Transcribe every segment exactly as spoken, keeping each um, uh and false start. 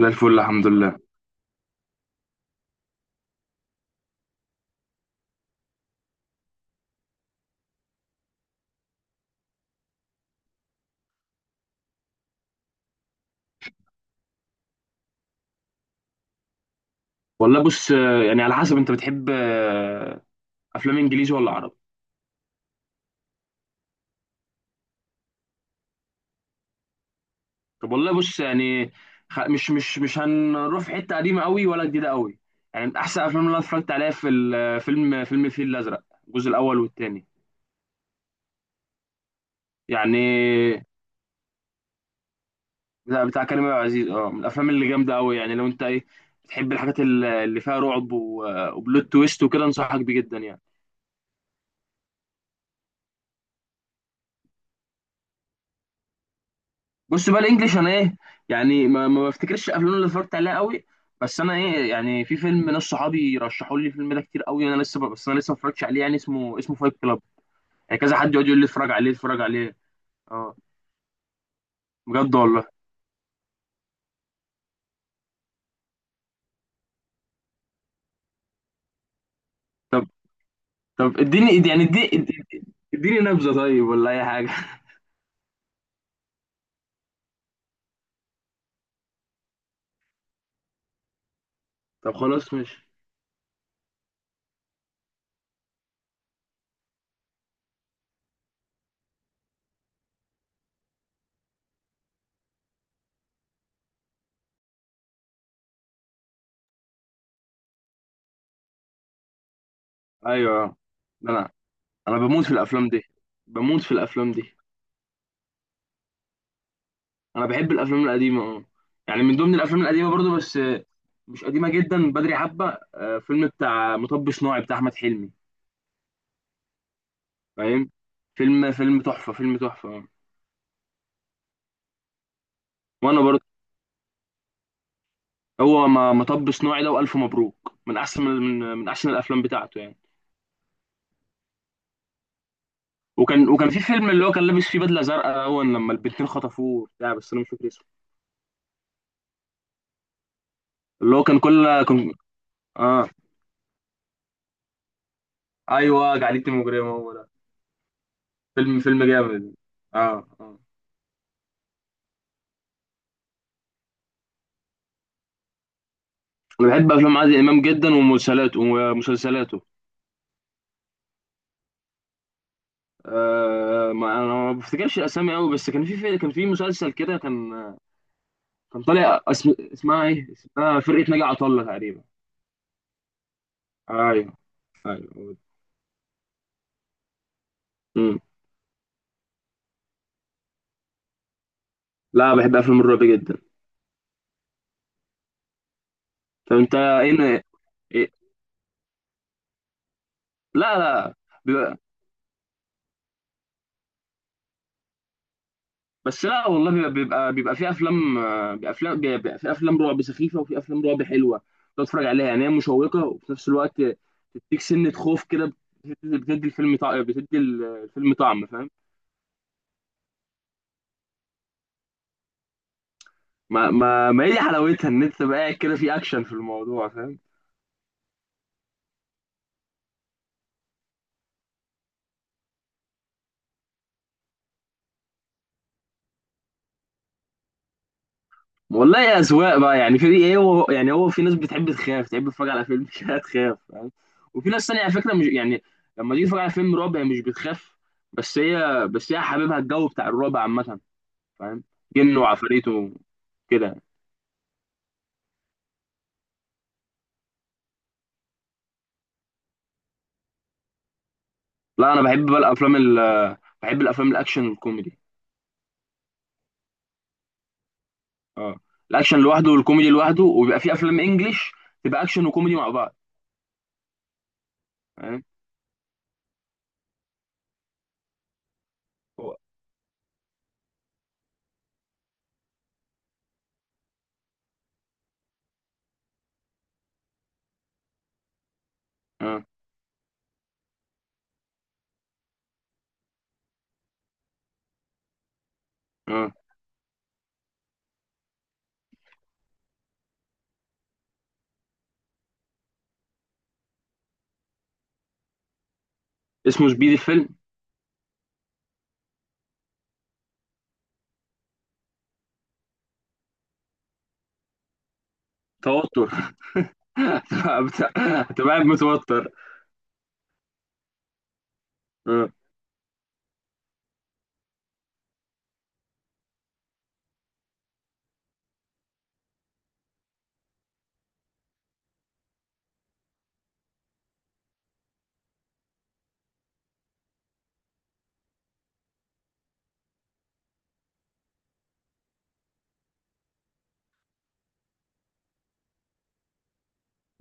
زي الفل الحمد لله. والله بص آه، يعني على حسب انت بتحب آه، افلام انجليزي ولا عربي؟ طب والله بص، يعني خ- مش مش مش هنروح في حته قديمه قوي ولا جديده قوي. يعني من احسن الافلام اللي انا اتفرجت عليها في ال- فيلم فيلم الفيل الازرق، الجزء الاول والثاني. يعني بتاع بتاع كريم عبد العزيز، اه، من الافلام اللي جامده قوي. يعني لو انت، ايه، بتحب الحاجات ال- اللي فيها رعب و- وبلوت تويست وكده، انصحك بيه جدا يعني. بص بقى الانجليش، انا ايه، يعني ما, ما بفتكرش الافلام اللي اتفرجت عليها قوي. بس انا ايه، يعني في فيلم ناس صحابي رشحوا لي الفيلم ده كتير قوي، انا لسه بس انا لسه ما اتفرجتش عليه، يعني اسمه اسمه فايت كلاب. يعني كذا حد يقعد يقول لي: اتفرج عليه، اتفرج عليه. اه، بجد والله. طب طب اديني يعني اديني اديني اديني نبذه طيب، ولا اي حاجه؟ طب خلاص ماشي. ايوه. لا، لا، انا بموت في الافلام دي. بموت في الافلام دي. انا بحب الافلام القديمه، اه. يعني من ضمن الافلام القديمه برضو، بس آه، مش قديمه جدا، بدري حبه، آه، فيلم بتاع مطب صناعي بتاع احمد حلمي. فاهم؟ فيلم فيلم تحفه، فيلم تحفه. آه. وانا برضو. هو ما- مطب صناعي ده والف مبروك، من احسن من من احسن الافلام بتاعته يعني. وكان وكان في فيلم اللي هو كان لابس فيه بدله زرقاء اول لما البنتين خطفوه بتاع، بس انا مش فاكر اسمه، اللي هو كان كل كان. اه. ايوه، جعلتني مجرمه، هو ده. فيلم فيلم جامد. اه، اه. انا بحب افلام عادل امام جدا، ومسلسلاته ومسلسلاته. أه ما انا ما بفتكرش الاسامي قوي، بس كان في في- كان في مسلسل كده، كان كان طالع، اسم اسمها ايه اسمها فرقه ناجي عطا الله تقريبا. ايوه. ايوه. مم. لا، بحب افلام الرعب جدا. طب انت ايه؟ إيه- لا. لا. بس لا والله، بيبقى بيبقى, بيبقى في افلام آه، بيبقى افلام بيبقى في افلام رعب سخيفه، وفي افلام رعب حلوه. تقعد تتفرج عليها، يعني هي مشوقه وفي نفس الوقت تديك سنه خوف كده. بتدي بتدي الفيلم طعم، بتدي ال- الفيلم طعم، فاهم؟ ما ما ما هي دي حلاوتها، ان انت تبقى قاعد كده في اكشن في الموضوع، فاهم؟ والله يا اذواق بقى، يعني في ايه؟ هو يعني هو في ناس بتحب تخاف، تحب تتفرج على فيلم كده تخاف، فاهم؟ وفي ناس تانية، على فكره، مش يعني، لما تيجي تتفرج على فيلم رعب هي مش بتخاف، بس هي بس هي حاببها الجو بتاع الرعب عامه، فاهم؟ جن وعفاريت وكده. لا، انا بحب بقى الافلام ال بحب الافلام الاكشن والكوميدي. اه. الاكشن لوحده والكوميدي لوحده، وبيبقى في افلام انجليش تبقى اكشن وكوميدي مع بعض. فاهم. هو اه، اه. اسمه سبيد الفيلم؟ توتر هتبقى هتبقى قاعد متوتر. اه،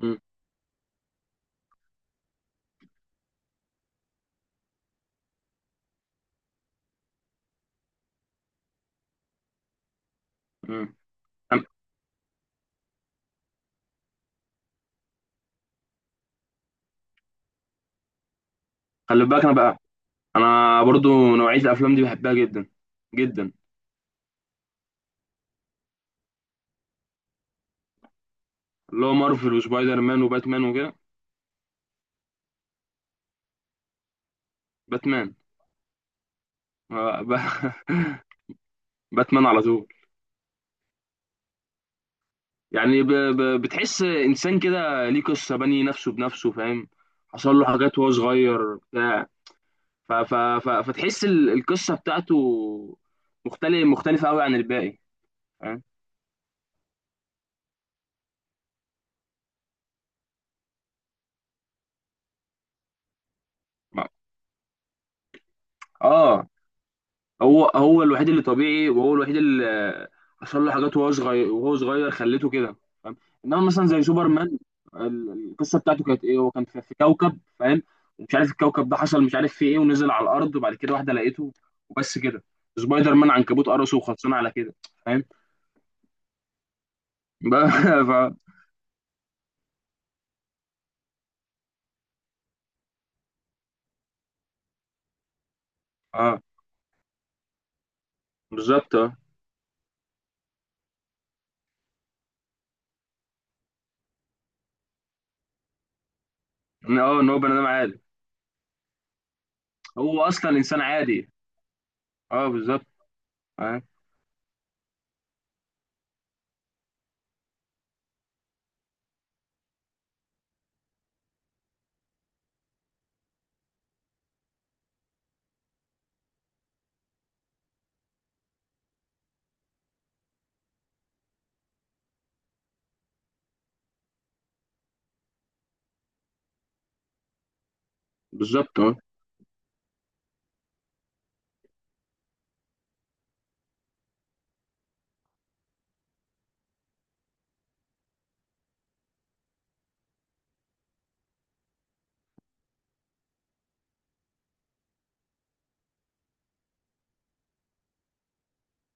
اه، اه. خلي بالك انا بقى، انا برضو نوعيه الافلام دي بحبها جدا، جدا. اللي هو مارفل وسبايدر مان وباتمان وكده؟ باتمان. آه، ب- باتمان على طول. يعني ب... ب... بتحس انسان كده، ليه؟ قصه بني نفسه بنفسه، فاهم؟ حصل له حاجات وهو صغير بتاع. ف... ف... ف... فتحس ال- القصه بتاعته مختلف مختلفه قوي عن الباقي، فاهم؟ اه. هو هو الوحيد اللي طبيعي، وهو الوحيد اللي حصل له حاجات وهو صغير، وهو صغير خلته كده، فاهم؟ انما مثلا زي سوبرمان، ال- القصه بتاعته كانت ايه؟ هو كان في في كوكب، فاهم؟ ومش عارف الكوكب ده حصل، مش عارف فيه ايه، ونزل على الارض، وبعد كده واحده لقيته. وبس كده. سبايدر مان عنكبوت قرصه، وخلصنا على كده. فاهم. بقى ف... اه، بالظبط. اه، ان اه ان هو بني ادم عادي. هو اصلا انسان عادي. اه، بالظبط. اه، بالظبط. اه،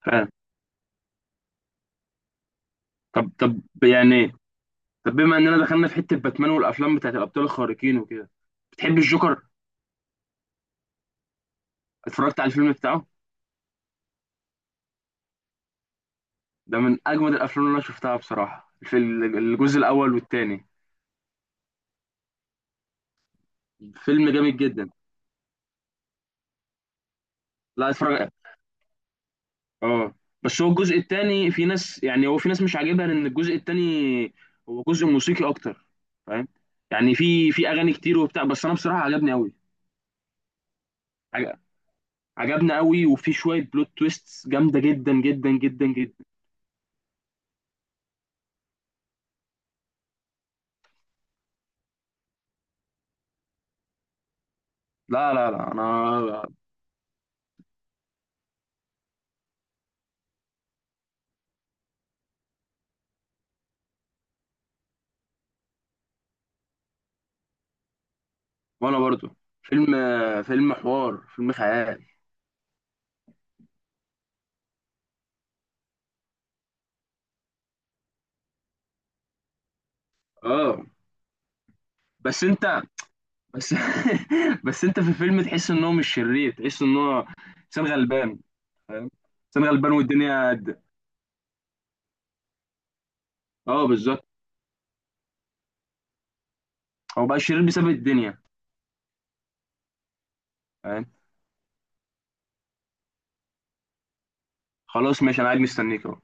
فاهم. طب طب يعني، طب بما اننا دخلنا في حته باتمان والافلام بتاعت الابطال الخارقين وكده، بتحب الجوكر؟ اتفرجت على الفيلم بتاعه؟ ده من اجمد الافلام اللي انا شفتها بصراحه، في ال- الجزء الاول والثاني، فيلم جامد جدا. لا، اتفرج. اه. بس هو الجزء الثاني، في ناس يعني هو في ناس مش عاجبها، لان الجزء الثاني هو جزء موسيقي اكتر، فاهم. يعني في في اغاني كتير وبتاع، بس انا بصراحه عجبني قوي. عجبني قوي، وفي شويه بلوت تويستس جامده جدا جدا جدا جدا. لا، لا، لا، انا. وانا برضو. فيلم فيلم حوار، فيلم خيال. اه. بس انت بس بس انت في الفيلم تحس ان هو مش شرير، تحس ان هو انسان غلبان، فاهم؟ انسان غلبان والدنيا قد. اه، بالظبط. هو بقى شرير بسبب الدنيا. فاهم. خلاص ماشي، انا قاعد مستنيك اهو.